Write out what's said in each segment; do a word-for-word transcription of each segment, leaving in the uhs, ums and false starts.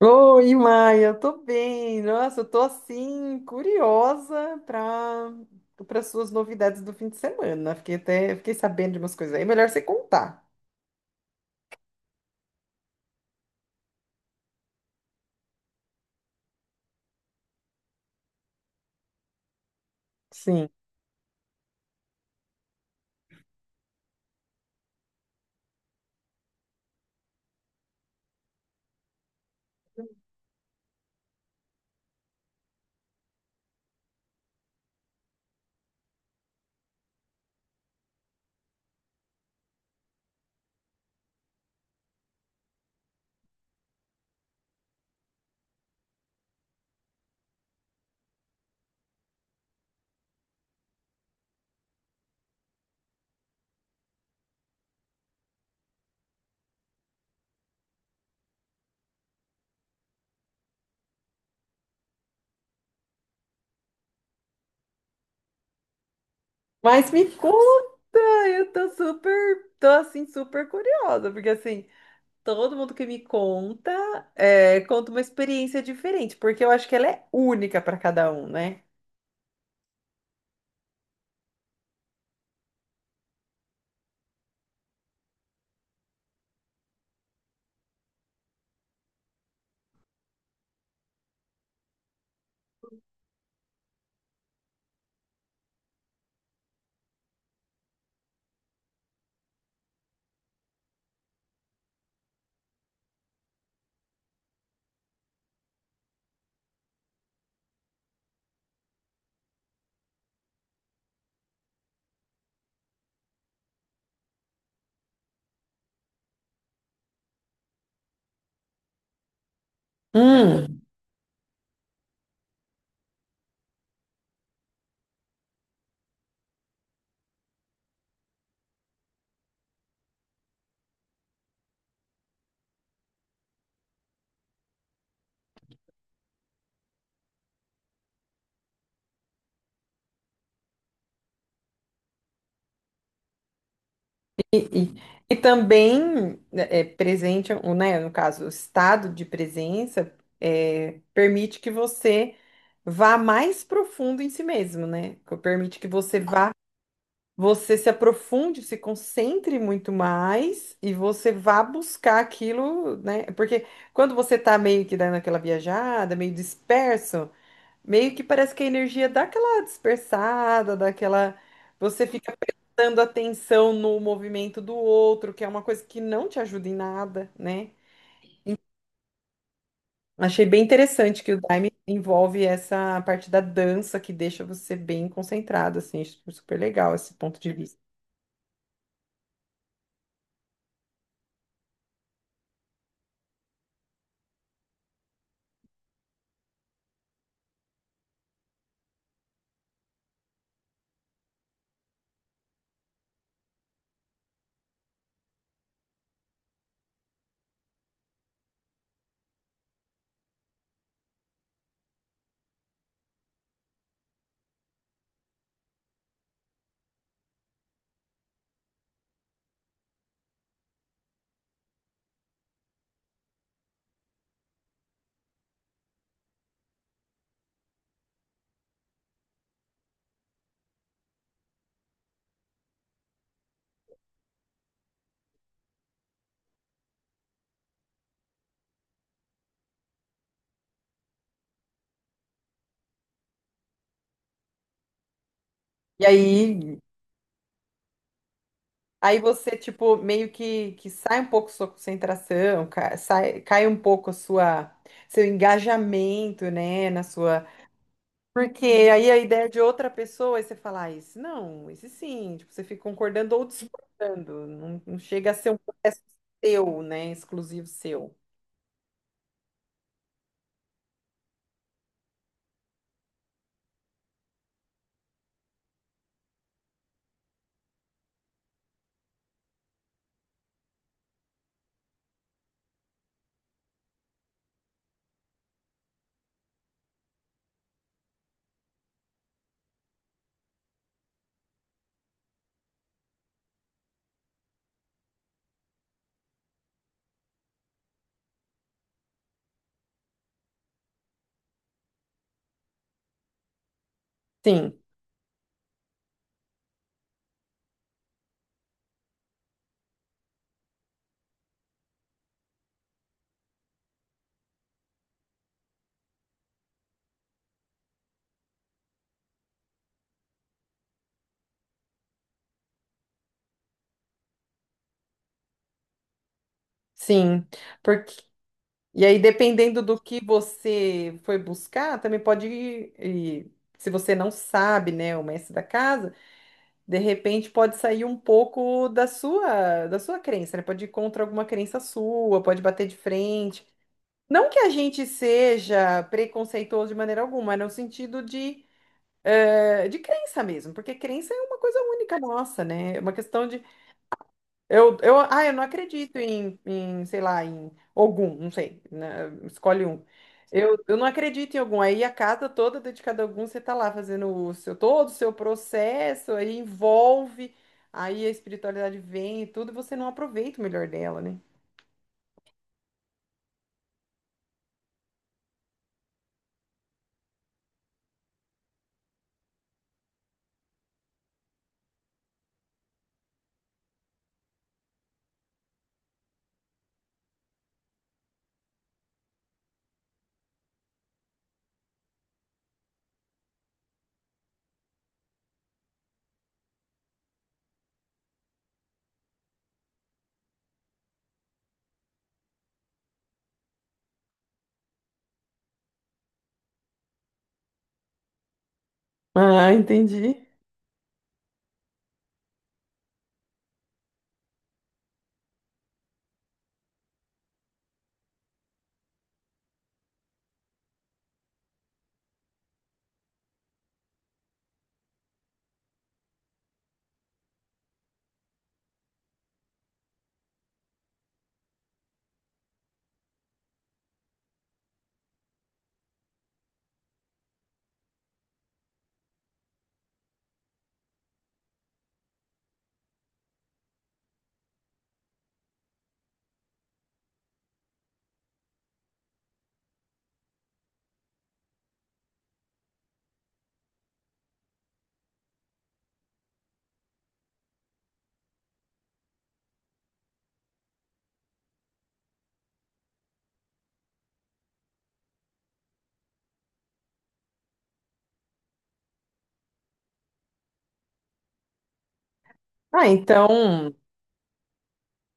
Oi, Maia, eu tô bem. Nossa, eu tô assim, curiosa para para suas novidades do fim de semana. Fiquei até, fiquei sabendo de umas coisas aí. Melhor você contar. Sim. Mas me conta, eu tô super, tô assim, super curiosa, porque assim, todo mundo que me conta, é, conta uma experiência diferente, porque eu acho que ela é única para cada um, né? Hum. E, e- e também, né, é, presente, ou, né, no caso, o estado de presença é, permite que você vá mais profundo em si mesmo, né? Que permite que você vá, você se aprofunde, se concentre muito mais e você vá buscar aquilo, né? Porque quando você tá meio que dando aquela viajada, meio disperso, meio que parece que a energia dá aquela dispersada, daquela. Você fica prestando atenção no movimento do outro, que é uma coisa que não te ajuda em nada, né? Achei bem interessante que o Daime envolve essa parte da dança que deixa você bem concentrado, assim, acho super legal esse ponto de vista. E aí, aí você, tipo, meio que, que sai um pouco sua concentração, cai, sai- cai um pouco a sua, seu engajamento, né, na sua. Porque aí a ideia de outra pessoa, aí você fala, ah, esse não, esse sim. Tipo, você fica concordando ou discordando. Não, não chega a ser um processo seu, né? Exclusivo seu. Sim, sim. Porque, e aí, dependendo do que você foi buscar, também pode ir. E se você não sabe, né, o mestre da casa, de repente pode sair um pouco da sua, da sua crença, né? Pode ir contra alguma crença sua, pode bater de frente. Não que a gente seja preconceituoso de maneira alguma, é no sentido de, eh, de crença mesmo, porque crença é uma coisa única nossa, né? É uma questão de. Eu, eu, ah, eu não acredito em, em, sei lá, em Ogum, não sei, né? Escolhe um. Eu, eu não acredito em Ogum. Aí a casa toda dedicada a Ogum, você tá lá fazendo o seu, todo o seu processo, aí envolve, aí a espiritualidade vem e tudo, e você não aproveita o melhor dela, né? Ah, entendi. Ah, então,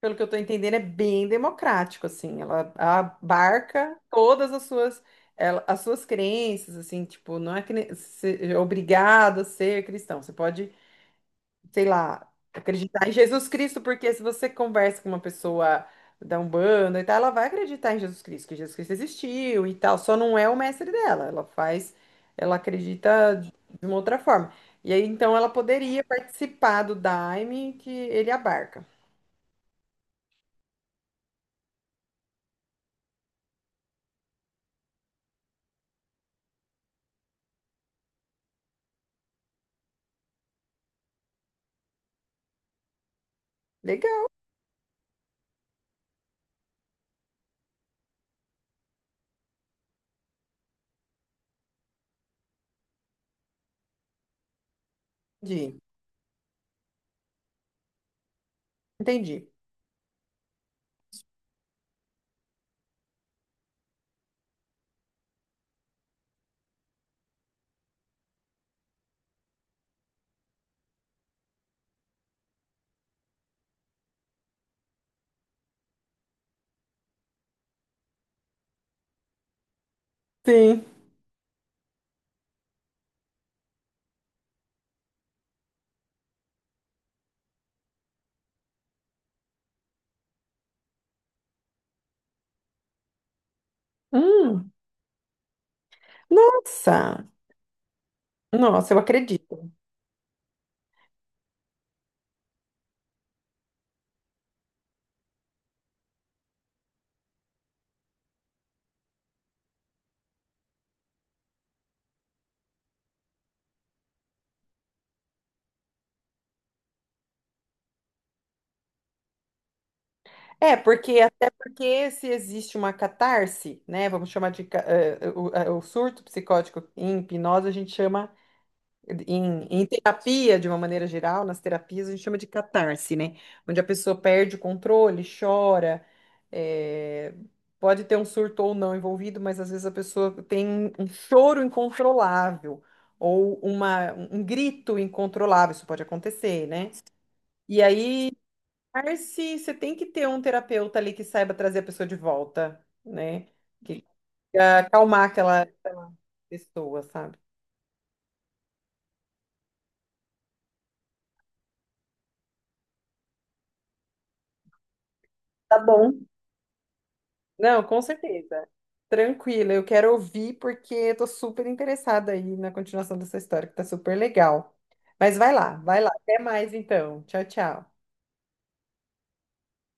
pelo que eu estou entendendo, é bem democrático, assim. Ela abarca todas as suas, ela- as suas crenças, assim, tipo, não é que ne- se- é obrigado a ser cristão. Você pode, sei lá, acreditar em Jesus Cristo, porque se você conversa com uma pessoa da Umbanda e tal, ela vai acreditar em Jesus Cristo, que Jesus Cristo existiu e tal, só não é o mestre dela. Ela faz, ela acredita de uma outra forma. E aí, então, ela poderia participar do Daime que ele abarca. Legal, Di. Entendi. Sim. Hum, nossa, nossa, eu acredito. É, porque até porque se existe uma catarse, né? Vamos chamar de ca- eh, o, eh, o surto psicótico em hipnose, a gente chama. Em, em terapia, de uma maneira geral, nas terapias a gente chama de catarse, né? Onde a pessoa perde o controle, chora, é, pode ter um surto ou não envolvido, mas às vezes a pessoa tem um um choro incontrolável ou uma, um grito incontrolável, isso pode acontecer, né? E aí, catarse, você tem que ter um terapeuta ali que saiba trazer a pessoa de volta, né? Que consiga acalmar aquela aquela pessoa, sabe? Tá bom. Não, com certeza. Tranquila, eu quero ouvir porque eu tô super interessada aí na continuação dessa história, que tá super legal. Mas vai lá, vai lá. Até mais então. Tchau, tchau.